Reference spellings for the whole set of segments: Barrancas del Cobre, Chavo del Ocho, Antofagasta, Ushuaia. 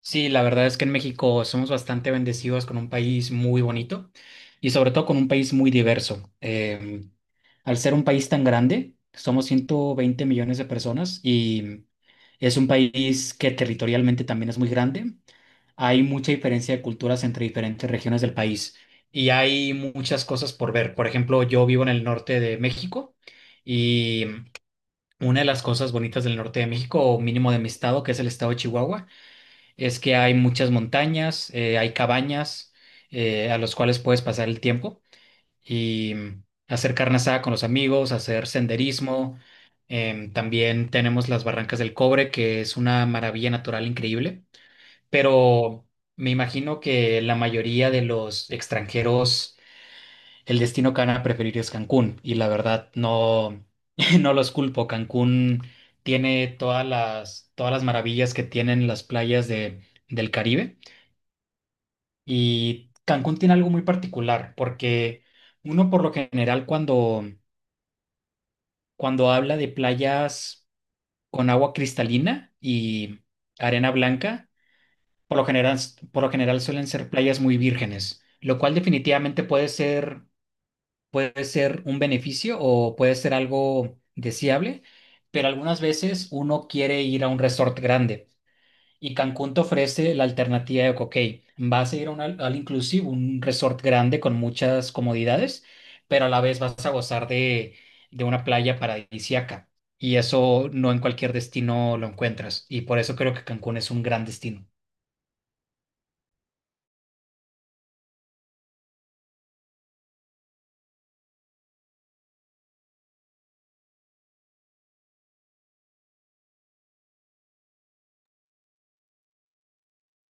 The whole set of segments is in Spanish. Sí, la verdad es que en México somos bastante bendecidos con un país muy bonito y sobre todo con un país muy diverso. Al ser un país tan grande, somos 120 millones de personas y es un país que territorialmente también es muy grande. Hay mucha diferencia de culturas entre diferentes regiones del país y hay muchas cosas por ver. Por ejemplo, yo vivo en el norte de México y una de las cosas bonitas del norte de México, o mínimo de mi estado, que es el estado de Chihuahua, es que hay muchas montañas, hay cabañas a los cuales puedes pasar el tiempo y hacer carne asada con los amigos, hacer senderismo. También tenemos las Barrancas del Cobre, que es una maravilla natural increíble, pero me imagino que la mayoría de los extranjeros, el destino que van a preferir es Cancún, y la verdad no, no los culpo. Cancún tiene todas las maravillas que tienen las playas de, del Caribe. Y Cancún tiene algo muy particular, porque uno por lo general cuando habla de playas con agua cristalina y arena blanca, por lo general, por lo general suelen ser playas muy vírgenes, lo cual definitivamente puede ser un beneficio o puede ser algo deseable, pero algunas veces uno quiere ir a un resort grande. Y Cancún te ofrece la alternativa de, ok, vas a ir a un al all inclusive, un resort grande con muchas comodidades, pero a la vez vas a gozar de una playa paradisíaca. Y eso no en cualquier destino lo encuentras. Y por eso creo que Cancún es un gran destino.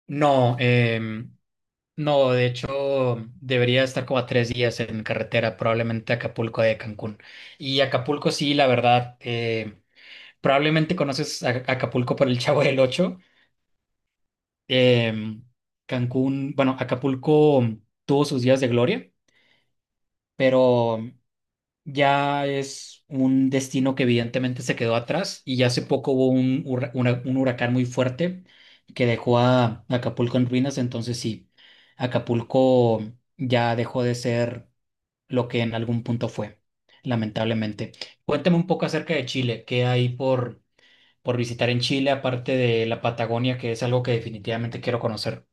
No, no, de hecho, debería estar como a tres días en carretera, probablemente a Acapulco de Cancún. Y Acapulco, sí, la verdad, probablemente conoces Acapulco por el Chavo del Ocho. Em, Cancún, bueno, Acapulco tuvo sus días de gloria, pero ya es un destino que evidentemente se quedó atrás, y ya hace poco hubo un huracán muy fuerte que dejó a Acapulco en ruinas, entonces sí, Acapulco ya dejó de ser lo que en algún punto fue, lamentablemente. Cuéntame un poco acerca de Chile, qué hay por visitar en Chile, aparte de la Patagonia, que es algo que definitivamente quiero conocer.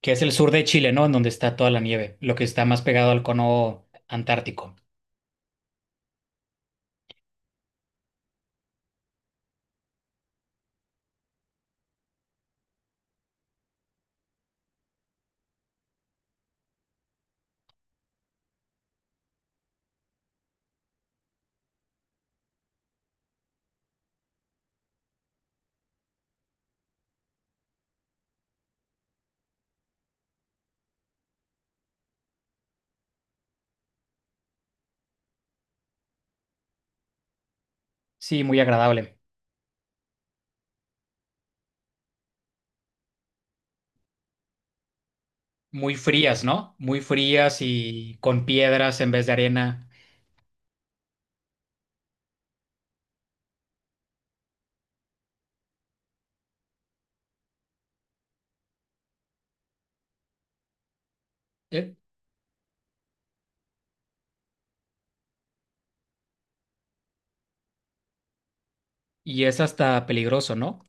Que es el sur de Chile, ¿no? En donde está toda la nieve, lo que está más pegado al cono antártico. Sí, muy agradable. Muy frías, ¿no? Muy frías y con piedras en vez de arena. Eh, Y es hasta peligroso, ¿no?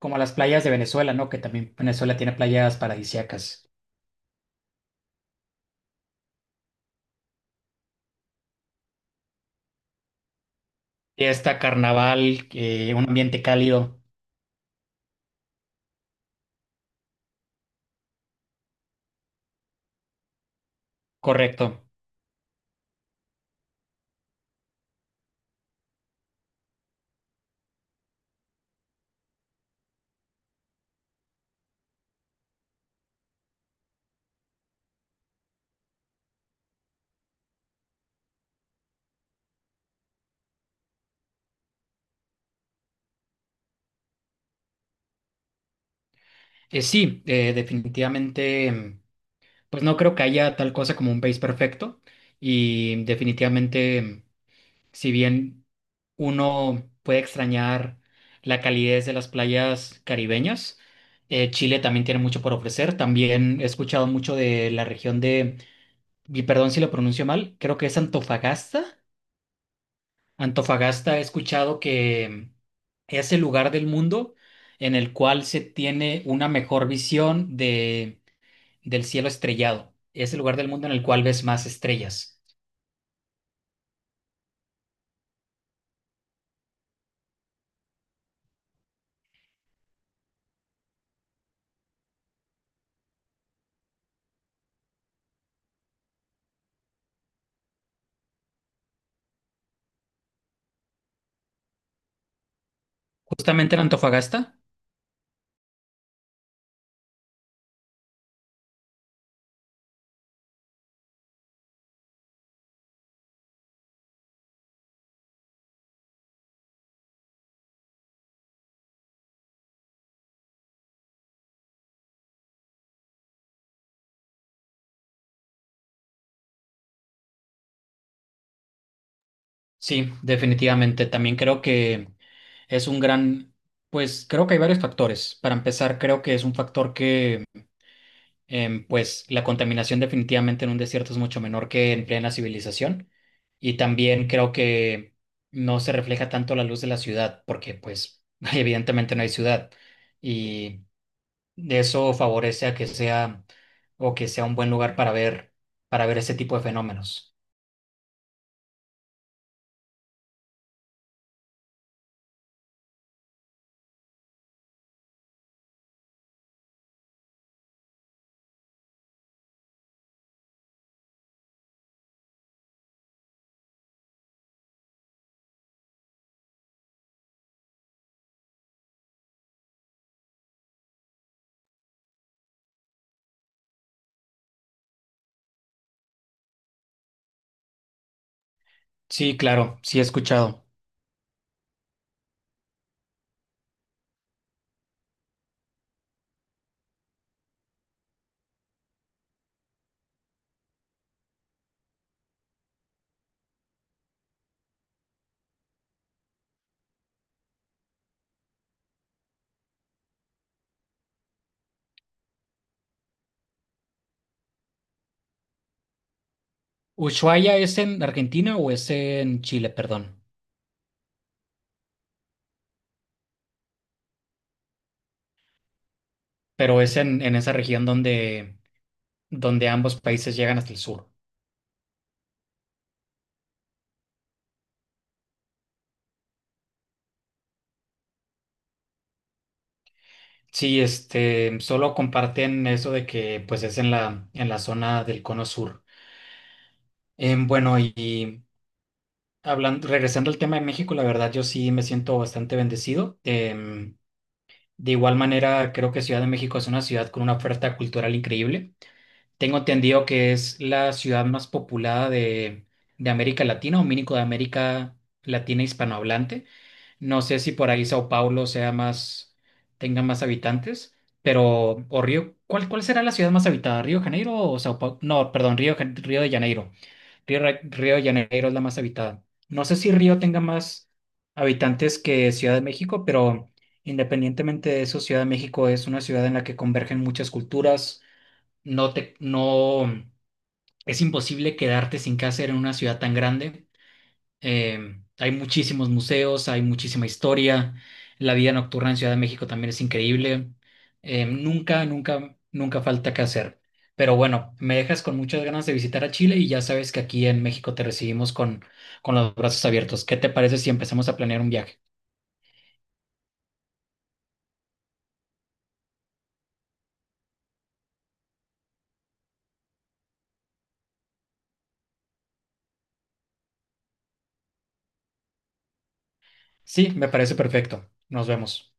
Como las playas de Venezuela, ¿no? Que también Venezuela tiene playas paradisíacas. Fiesta, carnaval, un ambiente cálido. Correcto. Sí, definitivamente, pues no creo que haya tal cosa como un país perfecto, y definitivamente, si bien uno puede extrañar la calidez de las playas caribeñas, Chile también tiene mucho por ofrecer. También he escuchado mucho de la región de, y perdón si lo pronuncio mal, creo que es Antofagasta. Antofagasta he escuchado que es el lugar del mundo en el cual se tiene una mejor visión de, del cielo estrellado. Es el lugar del mundo en el cual ves más estrellas. Justamente en Antofagasta. Sí, definitivamente. También creo que es un gran, pues creo que hay varios factores. Para empezar, creo que es un factor que, pues la contaminación definitivamente en un desierto es mucho menor que en plena civilización. Y también creo que no se refleja tanto la luz de la ciudad, porque pues evidentemente no hay ciudad. Y eso favorece a que sea o que sea un buen lugar para ver ese tipo de fenómenos. Sí, claro, sí he escuchado. ¿Ushuaia es en Argentina o es en Chile, perdón? Pero es en esa región donde, donde ambos países llegan hasta el sur. Sí, este, solo comparten eso de que pues es en la zona del cono sur. Bueno, y hablando, regresando al tema de México, la verdad yo sí me siento bastante bendecido. De igual manera, creo que Ciudad de México es una ciudad con una oferta cultural increíble. Tengo entendido que es la ciudad más poblada de América Latina o mínimo de América Latina hispanohablante. No sé si por ahí Sao Paulo sea más, tenga más habitantes, pero, o Río, cuál será la ciudad más habitada? ¿Río de Janeiro o Sao Paulo? No, perdón, Río, Río de Janeiro. Río, Río de Janeiro es la más habitada. No sé si Río tenga más habitantes que Ciudad de México, pero independientemente de eso, Ciudad de México es una ciudad en la que convergen muchas culturas. No te, no, Es imposible quedarte sin qué hacer en una ciudad tan grande. Hay muchísimos museos, hay muchísima historia. La vida nocturna en Ciudad de México también es increíble. Nunca falta qué hacer. Pero bueno, me dejas con muchas ganas de visitar a Chile, y ya sabes que aquí en México te recibimos con los brazos abiertos. ¿Qué te parece si empezamos a planear un viaje? Sí, me parece perfecto. Nos vemos.